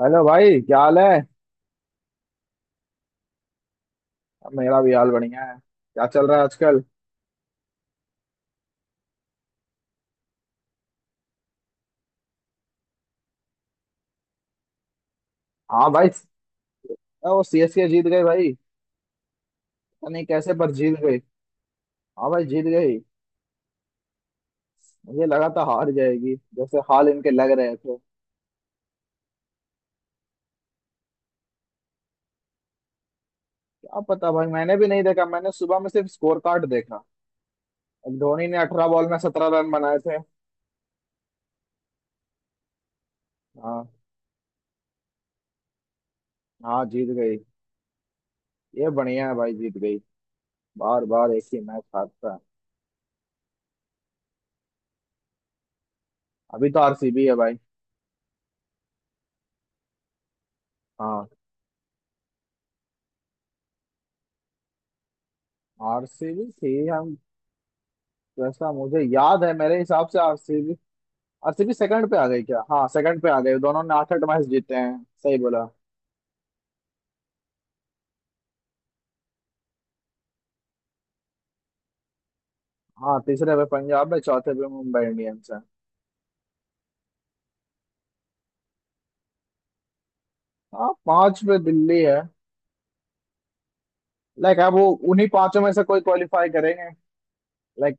Hello भाई, क्या हाल है। मेरा भी हाल बढ़िया है। क्या चल रहा है आजकल? हाँ भाई। वो सीएसके जीत गए भाई। पता नहीं कैसे पर जीत गई। हाँ भाई, जीत गई। मुझे लगा था हार जाएगी, जैसे हाल इनके लग रहे थे। क्या पता भाई, मैंने भी नहीं देखा, मैंने सुबह में सिर्फ स्कोर कार्ड देखा। अब धोनी ने 18 बॉल में 17 रन बनाए थे। हाँ। हाँ, जीत गई। ये बढ़िया है भाई, जीत गई। बार बार एक ही मैच हारता है। अभी तो आरसीबी है भाई। हाँ। आरसीबी थी हम, जैसा मुझे याद है, मेरे हिसाब से आरसीबी। आरसीबी सेकंड पे आ गई क्या? हाँ, सेकंड पे आ गई, दोनों ने आठ आठ मैच जीते हैं, सही बोला। हाँ, तीसरे पे पंजाब है, चौथे पे मुंबई इंडियंस है। हाँ, पांच पे दिल्ली है। लाइक अब वो उन्हीं पांचों में से कोई क्वालिफाई करेंगे। लाइक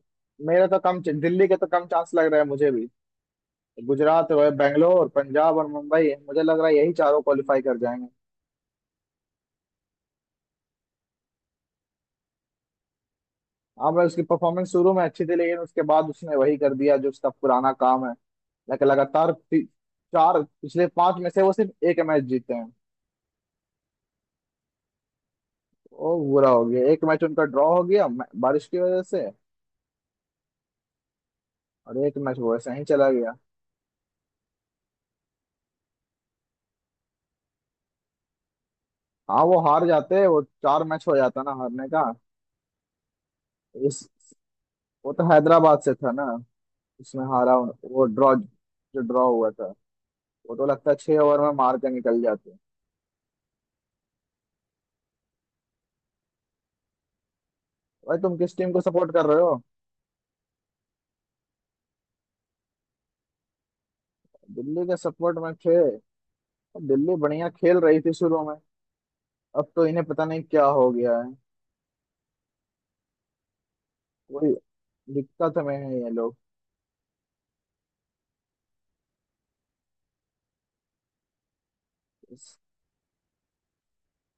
मेरे तो कम, दिल्ली के तो कम चांस लग रहा है मुझे भी। गुजरात है, बेंगलोर, पंजाब और मुंबई, मुझे लग रहा है यही चारों क्वालिफाई कर जाएंगे। हाँ भाई, उसकी परफॉर्मेंस शुरू में अच्छी थी, लेकिन उसके बाद उसने वही कर दिया जो उसका पुराना काम है। लाइक लगातार चार, पिछले पांच में से वो सिर्फ एक मैच जीते हैं। ओ बुरा हो गया, एक मैच उनका ड्रॉ हो गया बारिश की वजह से। और एक मैच वो ऐसे ही चला गया। हाँ, वो हार जाते, वो चार मैच हो जाता ना हारने का। इस वो तो हैदराबाद से था ना, उसमें हारा वो ड्रॉ, जो ड्रॉ हुआ था। वो तो लगता है छह ओवर में मार के निकल जाते। भाई तुम किस टीम को सपोर्ट कर रहे हो? दिल्ली के सपोर्ट में थे। दिल्ली बढ़िया खेल रही थी शुरू में। अब तो इन्हें पता नहीं क्या हो गया है। कोई दिक्कत में है ये लोग।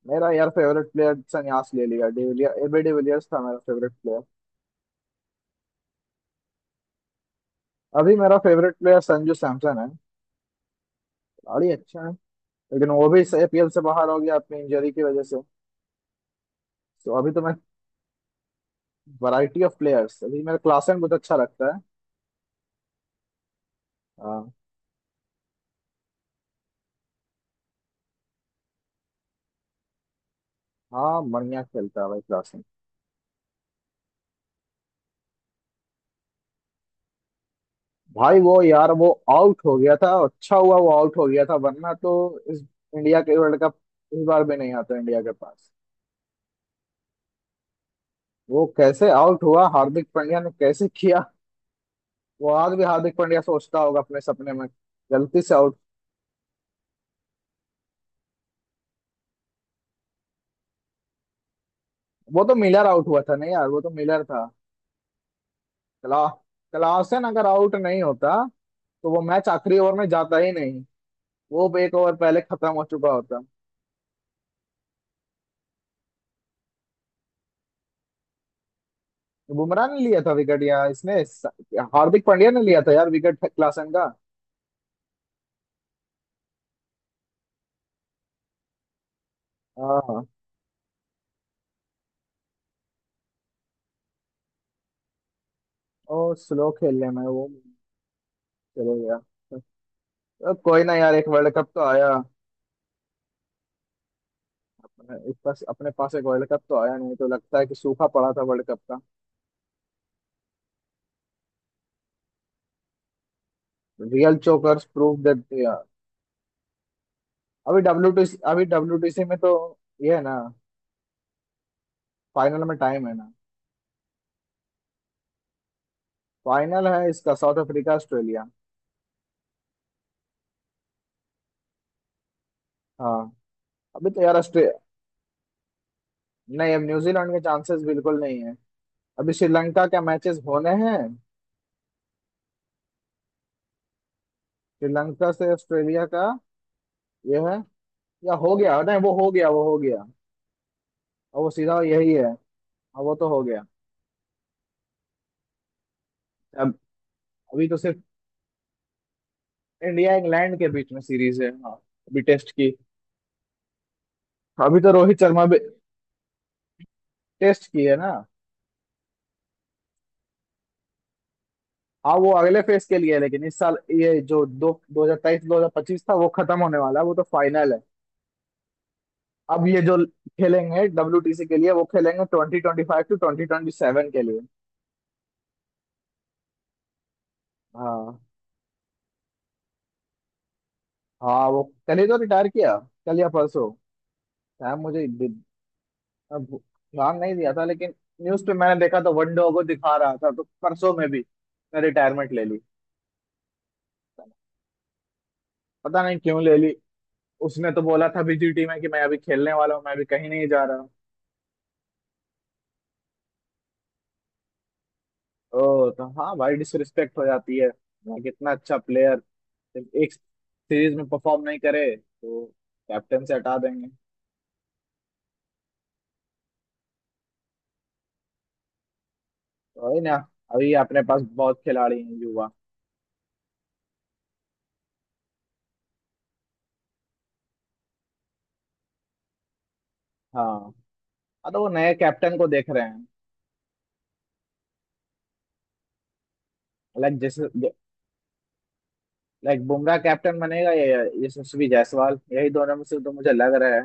मेरा यार फेवरेट प्लेयर संन्यास ले लिया, डिविलियर, एबी डिविलियर्स था मेरा फेवरेट प्लेयर। अभी मेरा फेवरेट प्लेयर संजू सैमसन है। खिलाड़ी अच्छा है, लेकिन वो भी एपीएल से बाहर हो गया अपनी इंजरी की वजह से। तो अभी तो मैं वैरायटी ऑफ प्लेयर्स, अभी मेरा क्लासन बहुत अच्छा लगता है। हाँ। हाँ, बढ़िया खेलता है भाई क्लासन। भाई वो यार, वो आउट हो गया था, अच्छा हुआ वो आउट हो गया था, वरना तो इस इंडिया के वर्ल्ड कप, इस बार भी नहीं आता इंडिया के पास। वो कैसे आउट हुआ हार्दिक पांड्या ने, कैसे किया? वो आज भी हार्दिक पांड्या सोचता होगा अपने सपने में, गलती से आउट। वो तो मिलर आउट हुआ था, नहीं यार, वो तो मिलर था। क्ला क्लासन अगर आउट नहीं होता तो वो मैच आखिरी ओवर में जाता ही नहीं, वो एक ओवर पहले खत्म हो चुका होता। तो बुमराह ने लिया था विकेट यार, इसने हार्दिक पांड्या ने लिया था यार विकेट, क्लासन का। हाँ। और स्लो खेलने में वो चले गया। अब कोई ना यार, एक वर्ल्ड कप तो आया। इस पास, अपने पास एक वर्ल्ड कप तो आया, नहीं तो लगता है कि सूखा पड़ा था वर्ल्ड कप का। Real chokers prove that. अभी डब्ल्यू टी सी, अभी डब्ल्यू टी सी में तो ये है ना, फाइनल में टाइम है ना। फाइनल है इसका, साउथ अफ्रीका, ऑस्ट्रेलिया। हाँ। अभी तो यार ऑस्ट्रे। नहीं, अब न्यूजीलैंड के चांसेस बिल्कुल नहीं है। अभी श्रीलंका के मैचेस होने हैं। श्रीलंका से ऑस्ट्रेलिया का ये है, या हो गया? नहीं, वो हो गया, वो हो गया। और वो सीधा यही है। हाँ, वो तो हो गया। अब अभी तो सिर्फ इंडिया इंग्लैंड के बीच में सीरीज है, हाँ, अभी टेस्ट की। अभी तो रोहित शर्मा भी, टेस्ट की है ना। हाँ, वो अगले फेज के लिए है, लेकिन इस साल ये जो दो 2023 2025 था, वो खत्म होने वाला है, वो तो फाइनल है। अब ये जो खेलेंगे डब्ल्यूटीसी के लिए, वो खेलेंगे 2025 टू 2027 के लिए। हाँ। हाँ, वो कल ही तो रिटायर किया, कल या परसों शायद, मुझे अब ध्यान नहीं दिया था, लेकिन न्यूज पे मैंने देखा तो वन को दिखा रहा था, तो परसों में भी रिटायरमेंट ले ली। पता नहीं क्यों ले ली, उसने तो बोला था बीजी टीम में कि मैं अभी खेलने वाला हूँ, मैं अभी कहीं नहीं जा रहा। ओ तो हाँ भाई, डिसरिस्पेक्ट हो जाती है कि इतना अच्छा प्लेयर एक सीरीज में परफॉर्म नहीं करे तो कैप्टन से हटा देंगे। तो वही ना। अभी अपने पास बहुत खिलाड़ी हैं, युवा। हाँ, हाँ तो वो नए कैप्टन को देख रहे हैं। लाइक जैसे, लाइक बुमराह कैप्टन बनेगा या यशस्वी जायसवाल, यही दोनों में से तो मुझे लग रहा है।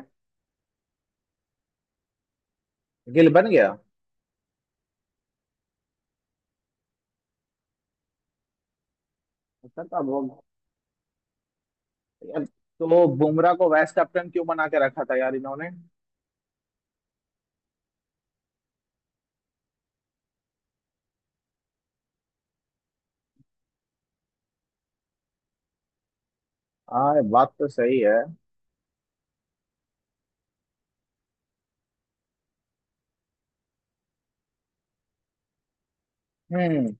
गिल बन गया, अच्छा था वो। यार, तो बुमराह को वाइस कैप्टन क्यों बना के रखा था यार इन्होंने। हाँ, ये बात तो सही है। हम्म।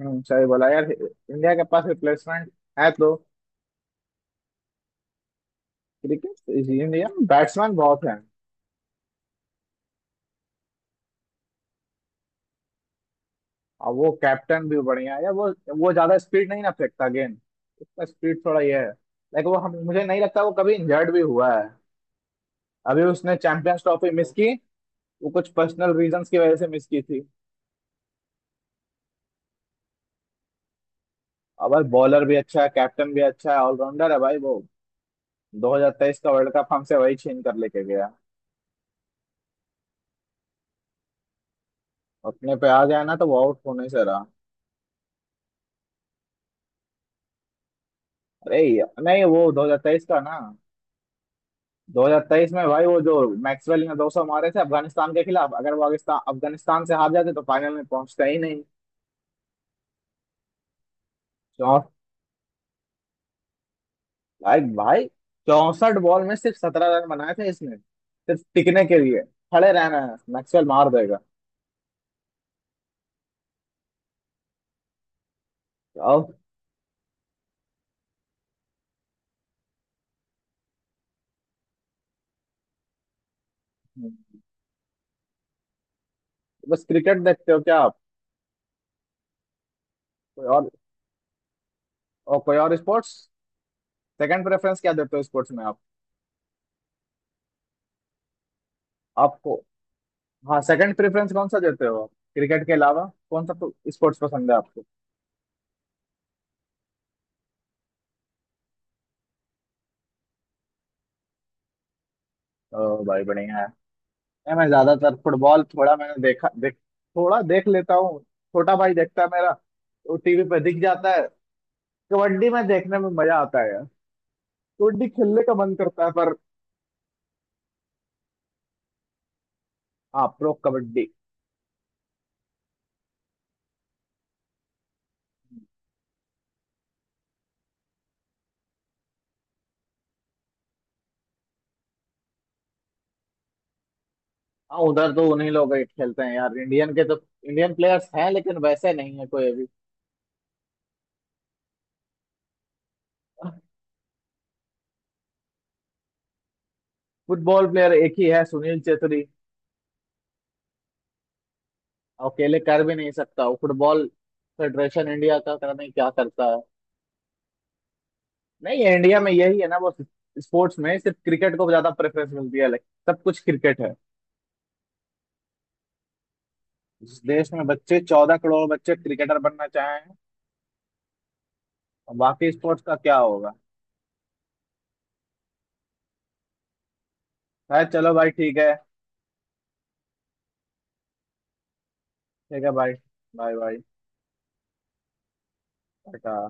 सही बोला यार, इंडिया के पास रिप्लेसमेंट है तो। क्रिकेट, इंडिया में बैट्समैन बहुत हैं। और वो कैप्टन भी बढ़िया है वो ज्यादा स्पीड नहीं ना फेंकता गेंद। उसका स्पीड थोड़ा ये है, लाइक वो हम मुझे नहीं लगता वो कभी इंजर्ड भी हुआ है। अभी उसने चैंपियंस ट्रॉफी मिस की, वो कुछ पर्सनल रीजंस की वजह से मिस की थी। और भाई बॉलर भी अच्छा है, कैप्टन भी अच्छा है, ऑलराउंडर है भाई वो। 2023 का वर्ल्ड कप हमसे वही छीन कर लेके गया। अपने पे आ गया ना तो वो आउट होने से रहा। अरे यार, नहीं वो 2023 का ना, 2023 में भाई वो जो मैक्सवेल ने 200 मारे थे अफगानिस्तान के खिलाफ, अगर वो अफगानिस्तान अफगानिस्तान से हार जाते तो फाइनल में पहुंचता ही नहीं। चौ, भाई भाई, 64 बॉल में सिर्फ 17 रन बनाए थे इसने, सिर्फ टिकने के लिए, खड़े रहना है, मैक्सवेल मार देगा। और बस, क्रिकेट देखते हो क्या आप? कोई और, और कोई और स्पोर्ट्स, सेकंड प्रेफरेंस क्या देते हो स्पोर्ट्स में आप? आपको, हाँ, सेकंड प्रेफरेंस कौन सा देते हो आप, क्रिकेट के अलावा कौन सा तो स्पोर्ट्स पसंद है आपको? ओ भाई बढ़िया। नहीं, मैं ज्यादातर फुटबॉल थोड़ा मैंने देखा देख, थोड़ा देख लेता हूँ, छोटा भाई देखता है मेरा, वो टीवी पे दिख जाता है। कबड्डी में देखने में मजा आता है यार, कबड्डी खेलने का मन करता है पर। हाँ, प्रो कबड्डी। हाँ उधर तो उन्हीं लोग ही खेलते हैं यार, इंडियन के तो इंडियन प्लेयर्स हैं, लेकिन वैसे नहीं है कोई अभी। फुटबॉल प्लेयर एक ही है, सुनील छेत्री। और अकेले कर भी नहीं सकता वो, फुटबॉल फेडरेशन इंडिया का पता नहीं क्या करता है। नहीं, इंडिया में यही है ना वो, स्पोर्ट्स में सिर्फ क्रिकेट को ज्यादा प्रेफरेंस मिलती है, लाइक सब कुछ क्रिकेट है। जिस देश में बच्चे, 14 करोड़ बच्चे क्रिकेटर बनना चाहें, और बाकी स्पोर्ट्स का क्या होगा। है, चलो भाई ठीक है। ठीक है भाई, बाय बाय, टाटा।